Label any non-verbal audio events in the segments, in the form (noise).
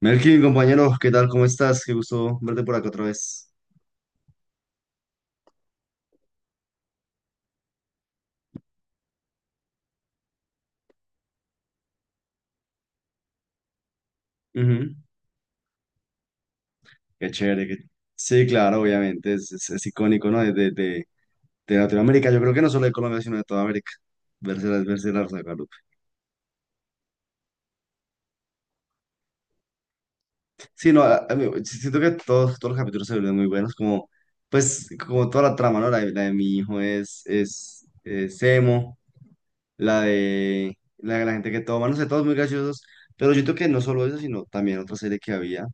Melkin, compañero, ¿qué tal? ¿Cómo estás? Qué gusto verte por acá otra vez. Ujú. Qué chévere. Sí, claro, obviamente, es icónico, ¿no? De Latinoamérica, yo creo que no solo de Colombia, sino de toda América. Verse la Rosa de Guadalupe. Sí, no, a mí- si, siento que todos los capítulos se vuelven muy buenos, como, pues, como toda la trama, ¿no? La de mi hijo es emo, la de la gente que toma, no sé, todos muy graciosos, pero yo creo que no solo eso, sino también otra serie que había,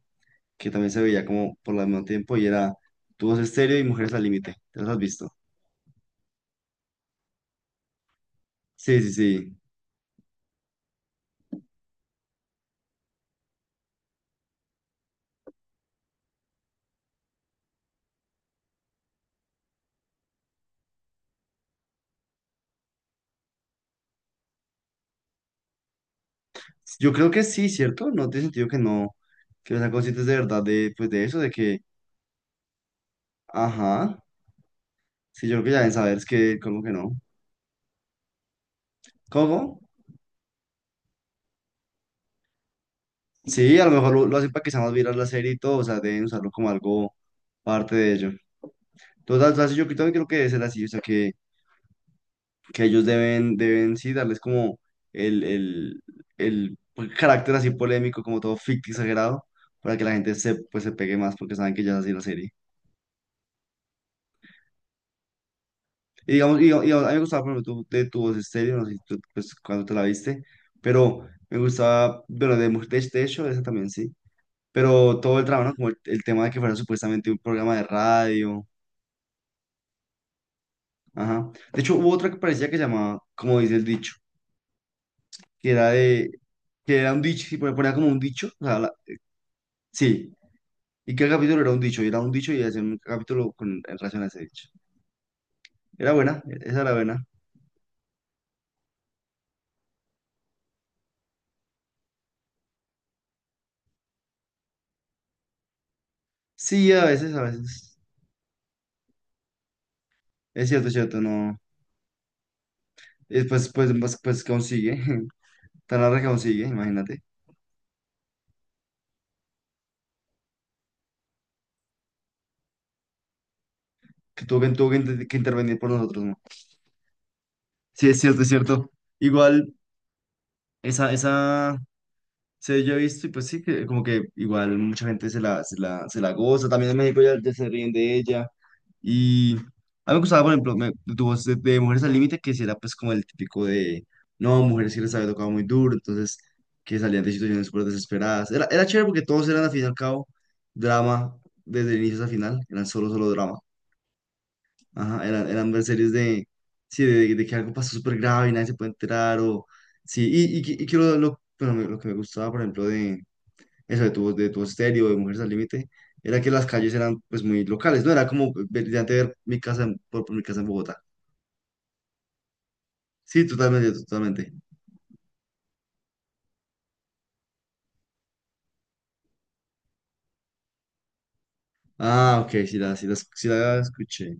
que también se veía como por el mismo tiempo y era Tubos Estéreo y Mujeres al Límite. ¿Te las has visto? Sí, sí, sí. Yo creo que sí, ¿cierto? No tiene sentido que no sean conscientes de verdad de, pues, de eso, de que, ajá, sí, yo creo que ya deben saber es que, como que no. ¿Cómo? Sí, a lo mejor lo hacen para que sea más viral la serie y todo, o sea, deben usarlo como algo parte de ello. Entonces, o sea, yo también creo que debe ser así, o sea, que ellos deben sí, darles como el, el, el carácter así polémico, como todo ficticio exagerado, para que la gente se, pues, se pegue más porque saben que ya es así la serie. Y digamos, y a mí me gustaba, por ejemplo, tu voz estéreo, no sé si tú, pues, cuando te la viste, pero me gustaba, bueno, de Mujer de hecho, esa también sí, pero todo el drama, ¿no? Como el tema de que fuera supuestamente un programa de radio, ajá. De hecho, hubo otra que parecía que llamaba, como dice el dicho, que era de, que era un dicho, y ponía como un dicho, o sea, sí. ¿Y qué capítulo era un dicho? Y era un dicho y hacía un capítulo con, en relación a ese dicho. Era buena, esa era buena. Sí, a veces, a veces. Es cierto, no. Y después, pues, pues consigue. (laughs) Tan larga que consigue, imagínate. Que tuvo que intervenir por nosotros, ¿no? Sí, es cierto, es cierto. Igual, esa, se yo he visto y pues sí, que como que igual mucha gente se la goza. También en México ya, ya se ríen de ella. Y a mí me gustaba, por ejemplo, tu voz de Mujeres al Límite, que si era pues como el típico de, no, mujeres que les había tocado muy duro, entonces que salían de situaciones súper desesperadas. Era chévere porque todos eran al fin y al cabo drama, desde el inicio hasta el final, eran solo drama. Ajá, eran ver series de, sí, de que algo pasó súper grave y nadie se puede enterar, o sí, y que bueno, lo que me gustaba, por ejemplo, de, eso de tu estéreo, de Mujeres al Límite, era que las calles eran pues muy locales, ¿no? Era como brillante ver mi casa, por mi casa en Bogotá. Sí, totalmente, totalmente. Ah, ok, sí la escuché.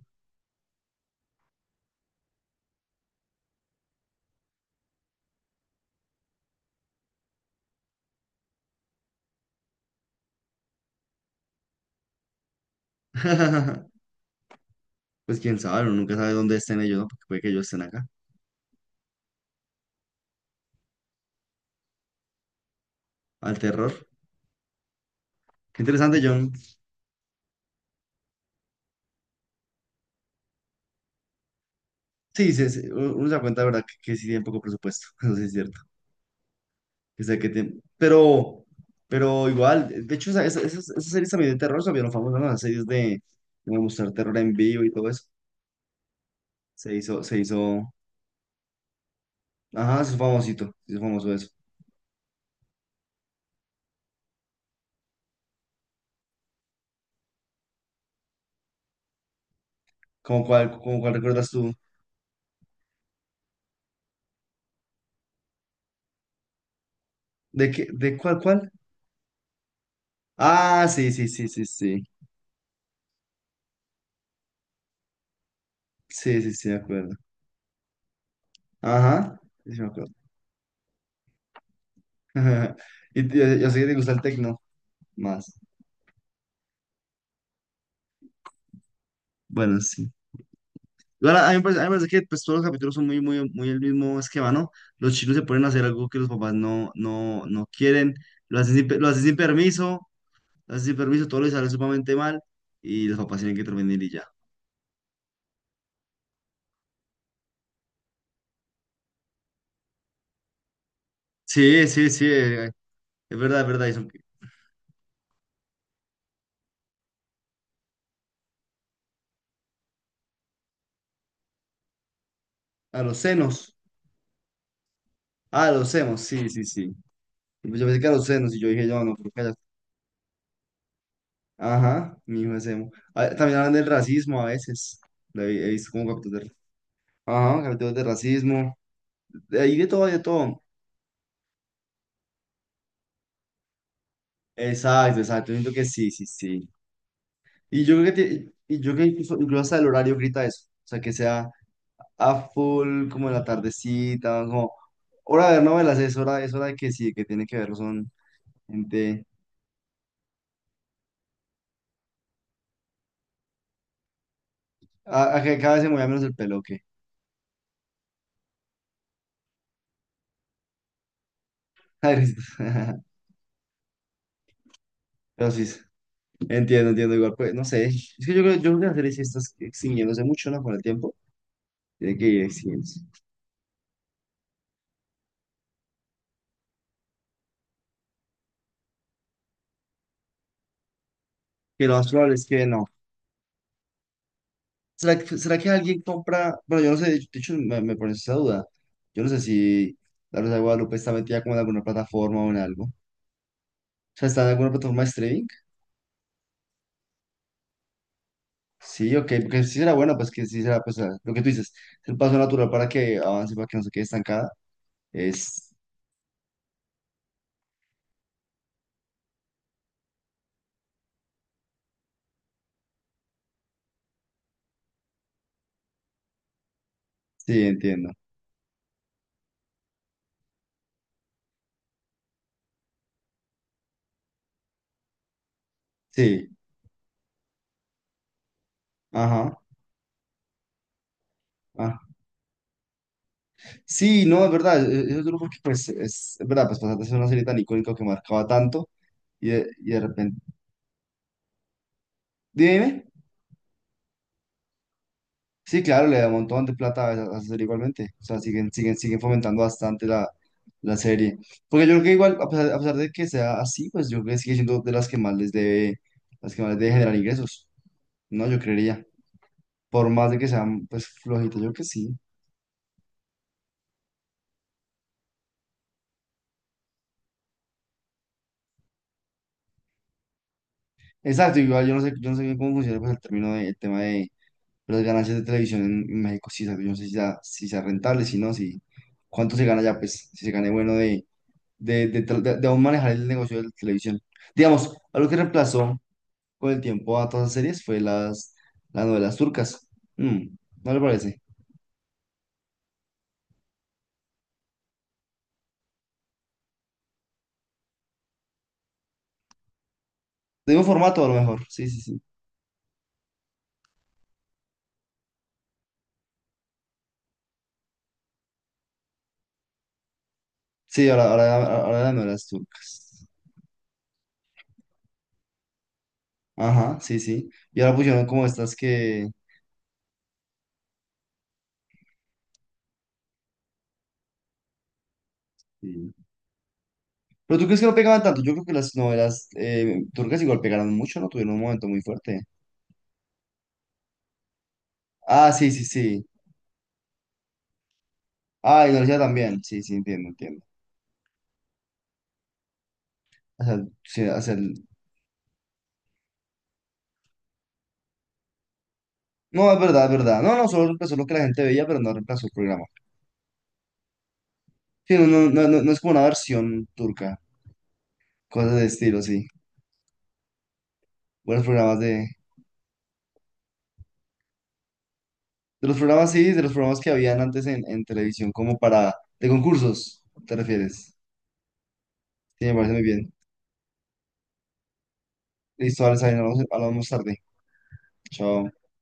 (laughs) Pues quién sabe, uno nunca sabe dónde estén ellos, ¿no? Porque puede que ellos estén acá, al terror. Qué interesante, John. Sí, sí, sí, uno se da cuenta, ¿de verdad? Que sí tienen poco presupuesto, (laughs) eso sí es cierto. Que sea que tienen- pero igual, de hecho, esas series también de terror se vieron famosas, ¿no? Las series de mostrar terror en vivo y todo eso. Se hizo, ajá, se hizo famosito, se hizo famoso eso. Cómo cuál recuerdas tú? ¿De qué, cuál? Ah, sí, sí, sí, sí, sí, sí, sí, sí, de acuerdo. Ajá, sí, sí me acuerdo. (laughs) Y yo sé que te gusta el tecno más. Bueno, sí. Igual a mí me parece, a mí me parece que pues, todos los capítulos son muy, muy, muy el mismo esquema, ¿no? Los chicos se ponen a hacer algo que los papás no quieren, lo hacen sin permiso, lo hacen sin permiso, todo les sale sumamente mal y los papás tienen que intervenir y ya. Sí, sí, sí, es verdad, es verdad. Y a los senos. Ah, los senos, sí, sí, sí. Pues yo pensé que a los senos y yo dije, yo no, pero cállate. Ajá, mi hijo es emo. Ah, también hablan del racismo a veces. Lo He visto como capítulos de... Ajá, capítulos de racismo. De ahí de todo, de todo. Exacto, exacto. Yo siento que sí, sí, sí. Y yo creo que, incluso hasta el horario grita eso. O sea, que sea a full, como en la tardecita, como... Hora de ver novelas, es hora de que sí, que tiene que verlo, son gente... A, a que cada vez se mueva menos el pelo, ¿o qué? (laughs) (laughs) Pero sí, entiendo, entiendo. Igual, pues, no sé. Es que yo creo que la serie sí está extinguiéndose mucho, ¿no? Con el tiempo. Tiene que ir extinguiéndose. Que lo más probable es que no. ¿Será, será que alguien compra? Bueno, yo no sé. De hecho, me pones esa duda. Yo no sé si La Rosa de Guadalupe está metida como en alguna plataforma o en algo. O sea, ¿está en alguna plataforma de streaming? Sí, ok. Porque sí será buena, pues que sí será, pues, ah, lo que tú dices. Es el paso natural para que avance, para que no se quede estancada. Es, sí, entiendo. Sí. Ajá. Ah. Sí, no, es verdad, esos grupos que pues, es verdad, pues pasar de ser una serie tan icónica que marcaba tanto y de repente, dime, sí, claro, le da un montón de plata a esa serie igualmente, o sea, siguen, siguen, siguen fomentando bastante la serie, porque yo creo que igual, a pesar de que sea así, pues yo creo que sigue siendo de las que más les debe, las que más les debe generar ingresos, ¿no? Yo creería, por más de que sean, pues, flojitas, yo creo que sí. Exacto, igual yo no sé bien cómo funciona pues el término de, el tema de las ganancias de televisión en México, sí, yo no sé si sea, si sea rentable, si no, si cuánto se gana ya, pues, si se gane bueno de aún manejar el negocio de la televisión. Digamos, algo que reemplazó con el tiempo a todas las series fue las novelas turcas. Mm, ¿no le parece? De un formato, a lo mejor, sí, sí, sí. Sí, ahora las novelas turcas. Ajá, sí, sí. Y ahora pusieron como estas que... sí. Pero tú crees que no pegaban tanto. Yo creo que las novelas turcas igual pegaron mucho, ¿no? Tuvieron un momento muy fuerte. Ah, sí, sí, sí. Ah, ignorancia también. Sí, sí, entiendo, entiendo. O sea, sí, o sea, no, es verdad, es verdad. No, no, solo reemplazó lo que la gente veía, pero no reemplazó el programa. Sí, no es como una versión turca. Cosas de estilo, sí. Buenos programas de... De los programas, sí, de los programas que habían antes en televisión, como para... De concursos, ¿te refieres? Sí, me parece muy bien. Listo, Alex, ahí nos hablamos más tarde. Chao.